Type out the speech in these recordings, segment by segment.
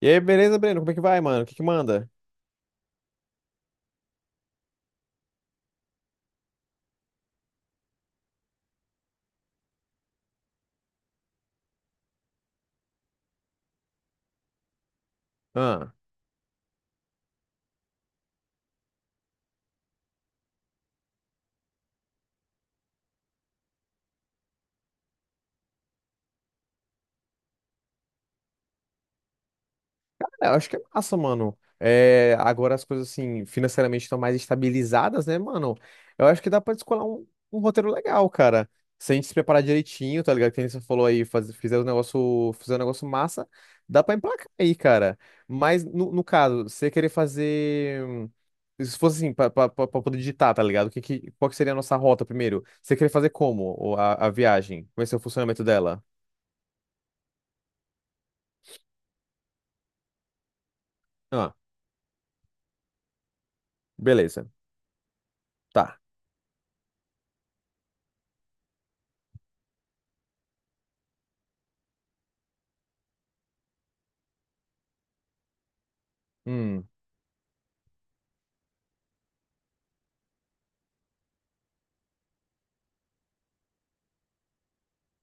E aí, beleza, Breno? Como é que vai, mano? O que que manda? Ah, eu acho que é massa, mano. É, agora as coisas, assim, financeiramente estão mais estabilizadas, né, mano? Eu acho que dá pra descolar um roteiro legal, cara. Se a gente se preparar direitinho, tá ligado? Que nem você falou aí, fizer um negócio massa, dá pra emplacar aí, cara. Mas, no caso, você querer fazer... Se fosse assim, pra poder digitar, tá ligado? Qual que seria a nossa rota primeiro? Você queria fazer como a viagem? Como é que é o funcionamento dela? Ah, beleza. Tá. Hum.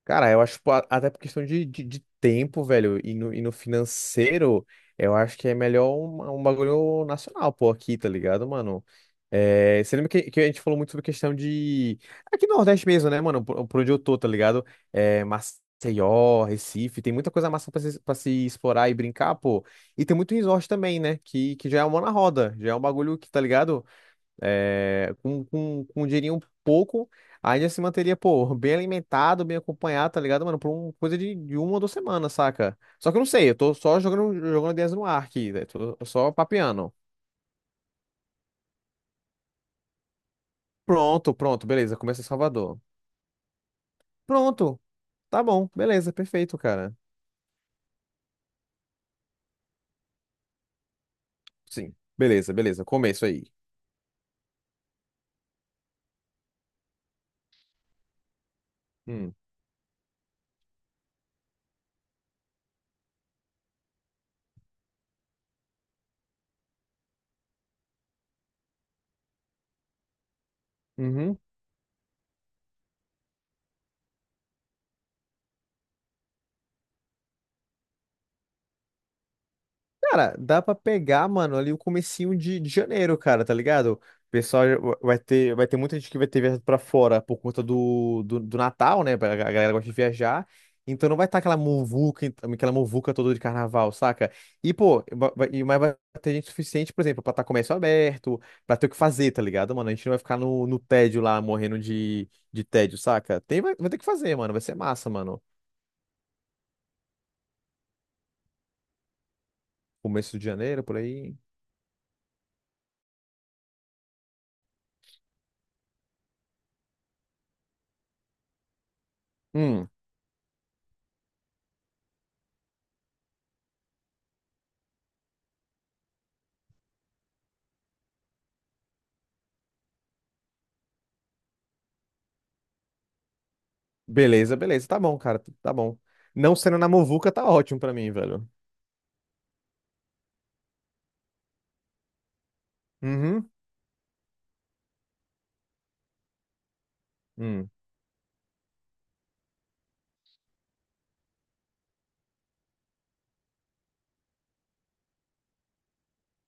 Cara, eu acho até por questão de, de tempo, velho, e e no financeiro, eu acho que é melhor um bagulho nacional, pô, aqui, tá ligado, mano? É, você lembra que a gente falou muito sobre questão de. Aqui no Nordeste mesmo, né, mano? Por onde eu tô, tá ligado? É, Maceió, Recife, tem muita coisa massa pra se explorar e brincar, pô. E tem muito resort também, né? Que já é uma mão na roda, já é um bagulho que, tá ligado? É, com um dinheirinho pouco, ainda se manteria, pô, bem alimentado, bem acompanhado, tá ligado, mano? Por uma coisa de uma ou duas semanas, saca? Só que eu não sei, eu tô só jogando ideias no ar aqui, né? Tô só papeando. Pronto, pronto, beleza, começa em Salvador. Pronto, tá bom, beleza, perfeito, cara. Sim, beleza, beleza, começo aí. Hum. Uhum. Cara, dá pra pegar, mano, ali o comecinho de janeiro, cara, tá ligado? O pessoal vai ter muita gente que vai ter viajado pra fora por conta do Natal, né? A galera gosta de viajar. Então não vai estar aquela muvuca, aquela muvuca toda de carnaval, saca? E, pô, mas vai ter gente suficiente, por exemplo, pra estar comércio aberto, pra ter o que fazer, tá ligado, mano? A gente não vai ficar no tédio lá, morrendo de tédio, saca? Vai ter que fazer, mano. Vai ser massa, mano. Começo de janeiro, por aí. Beleza, beleza. Tá bom, cara. Tá bom. Não sendo na Movuca, tá ótimo pra mim, velho. Uhum. Hum.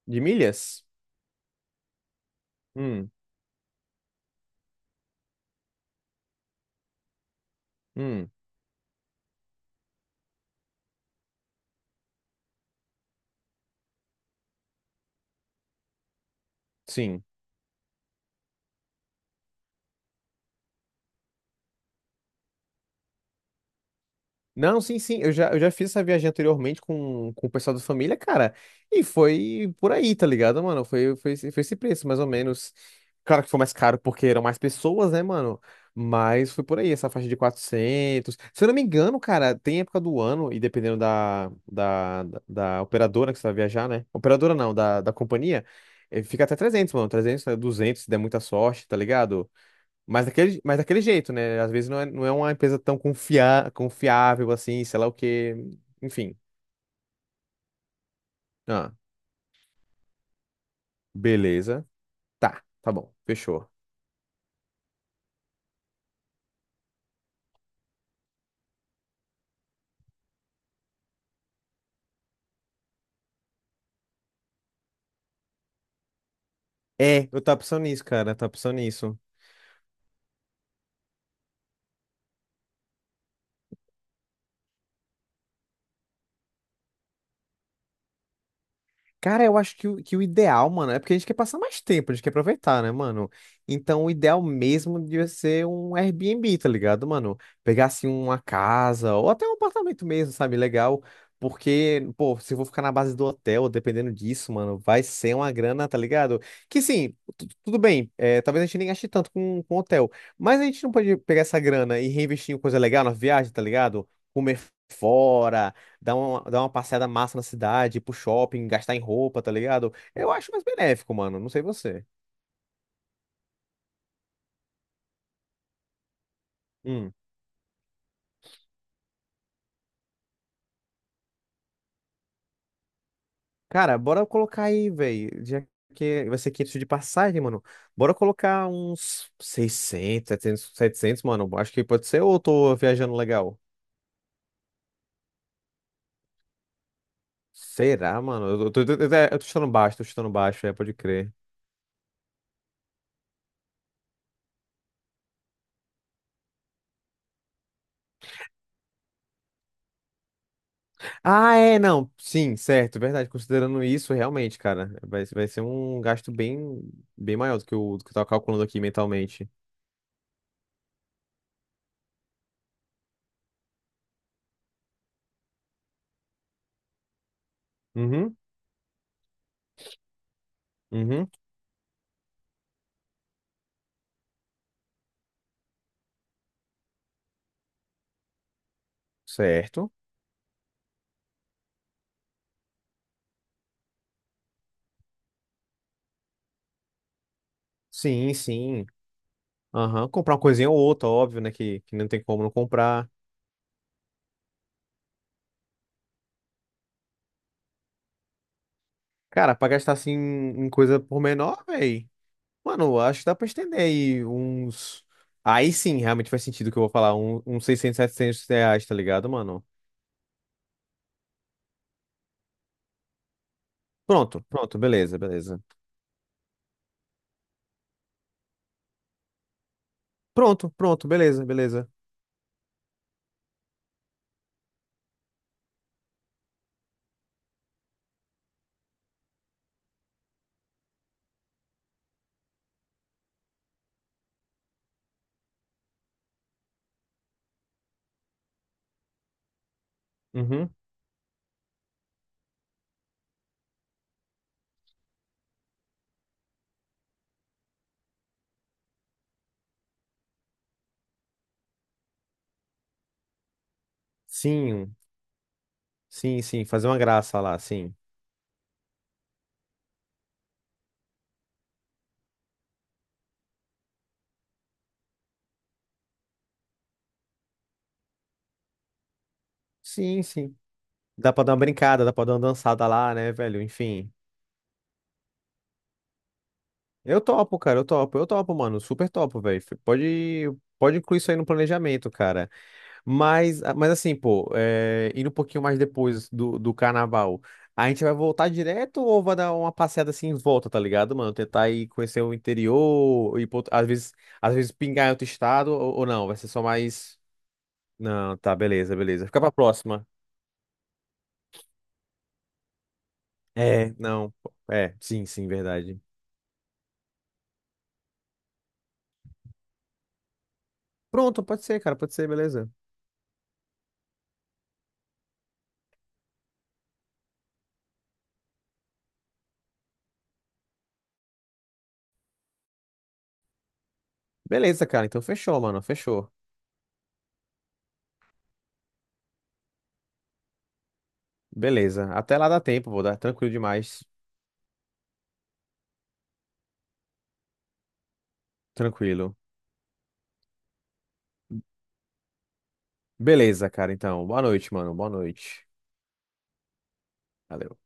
De milhas? Hum. Hum. Sim. Não, sim, sim. Eu já fiz essa viagem anteriormente com o pessoal da família, cara. E foi por aí, tá ligado, mano? Foi esse preço, mais ou menos. Claro que foi mais caro porque eram mais pessoas, né, mano? Mas foi por aí, essa faixa de 400. Se eu não me engano, cara, tem época do ano, e dependendo da operadora que você vai viajar, né? Operadora não, da companhia, fica até 300, mano. 300, né, 200, se der muita sorte, tá ligado? Mas daquele jeito, né? Às vezes não é uma empresa tão confiável assim, sei lá o quê. Enfim. Ah, beleza. Tá, tá bom. Fechou. É, eu tava pensando nisso, cara. Tá pensando nisso. Cara, eu acho que que o ideal, mano, é porque a gente quer passar mais tempo, a gente quer aproveitar, né, mano? Então, o ideal mesmo devia ser um Airbnb, tá ligado, mano? Pegar, assim, uma casa ou até um apartamento mesmo, sabe? Legal. Porque, pô, se eu vou ficar na base do hotel, dependendo disso, mano, vai ser uma grana, tá ligado? Que sim, tudo bem, é, talvez a gente nem gaste tanto com hotel, mas a gente não pode pegar essa grana e reinvestir em coisa legal na viagem, tá ligado? Comer fora, dar uma passeada massa na cidade, ir pro shopping, gastar em roupa, tá ligado? Eu acho mais benéfico, mano. Não sei você. Hum. Cara, bora colocar aí, velho. Já que vai ser 500 de passagem, mano. Bora colocar uns 600, 700, mano. Acho que pode ser ou eu tô viajando legal? Será, mano? Eu tô chutando baixo, é, pode crer. Ah, é, não. Sim, certo, verdade. Considerando isso, realmente, cara, vai ser um gasto bem, bem maior do que o do que eu tava calculando aqui mentalmente. Uhum. Uhum, certo. Sim, sim. Aham, comprar uma coisinha ou outra, óbvio, né? Que não tem como não comprar. Cara, pra gastar assim em coisa por menor, véi. Mano, acho que dá pra estender aí uns. Aí sim, realmente faz sentido o que eu vou falar. Uns 600, 700 reais, tá ligado, mano? Pronto, pronto, beleza, beleza. Pronto, pronto, beleza, beleza. Uhum. Sim, sim, sim. Fazer uma graça lá, sim. Sim, sim. Dá pra dar uma brincada, dá pra dar uma dançada lá, né, velho? Enfim. Eu topo, cara, eu topo, mano, super topo, velho. Pode, pode incluir isso aí no planejamento, cara. Mas, ah, mas assim, pô, é, indo um pouquinho mais depois do carnaval, a gente vai voltar direto ou vai dar uma passeada assim em volta, tá ligado, mano? Tentar ir conhecer o interior, ir às vezes pingar em outro estado ou não, vai ser só mais. Não, tá, beleza, beleza. Fica pra próxima. É, não, é, sim, sim, verdade. Pronto, pode ser, cara, pode ser, beleza. Beleza, cara, então fechou, mano, fechou. Beleza. Até lá dá tempo, vou dar. Tranquilo demais. Tranquilo. Beleza, cara. Então, boa noite, mano. Boa noite. Valeu.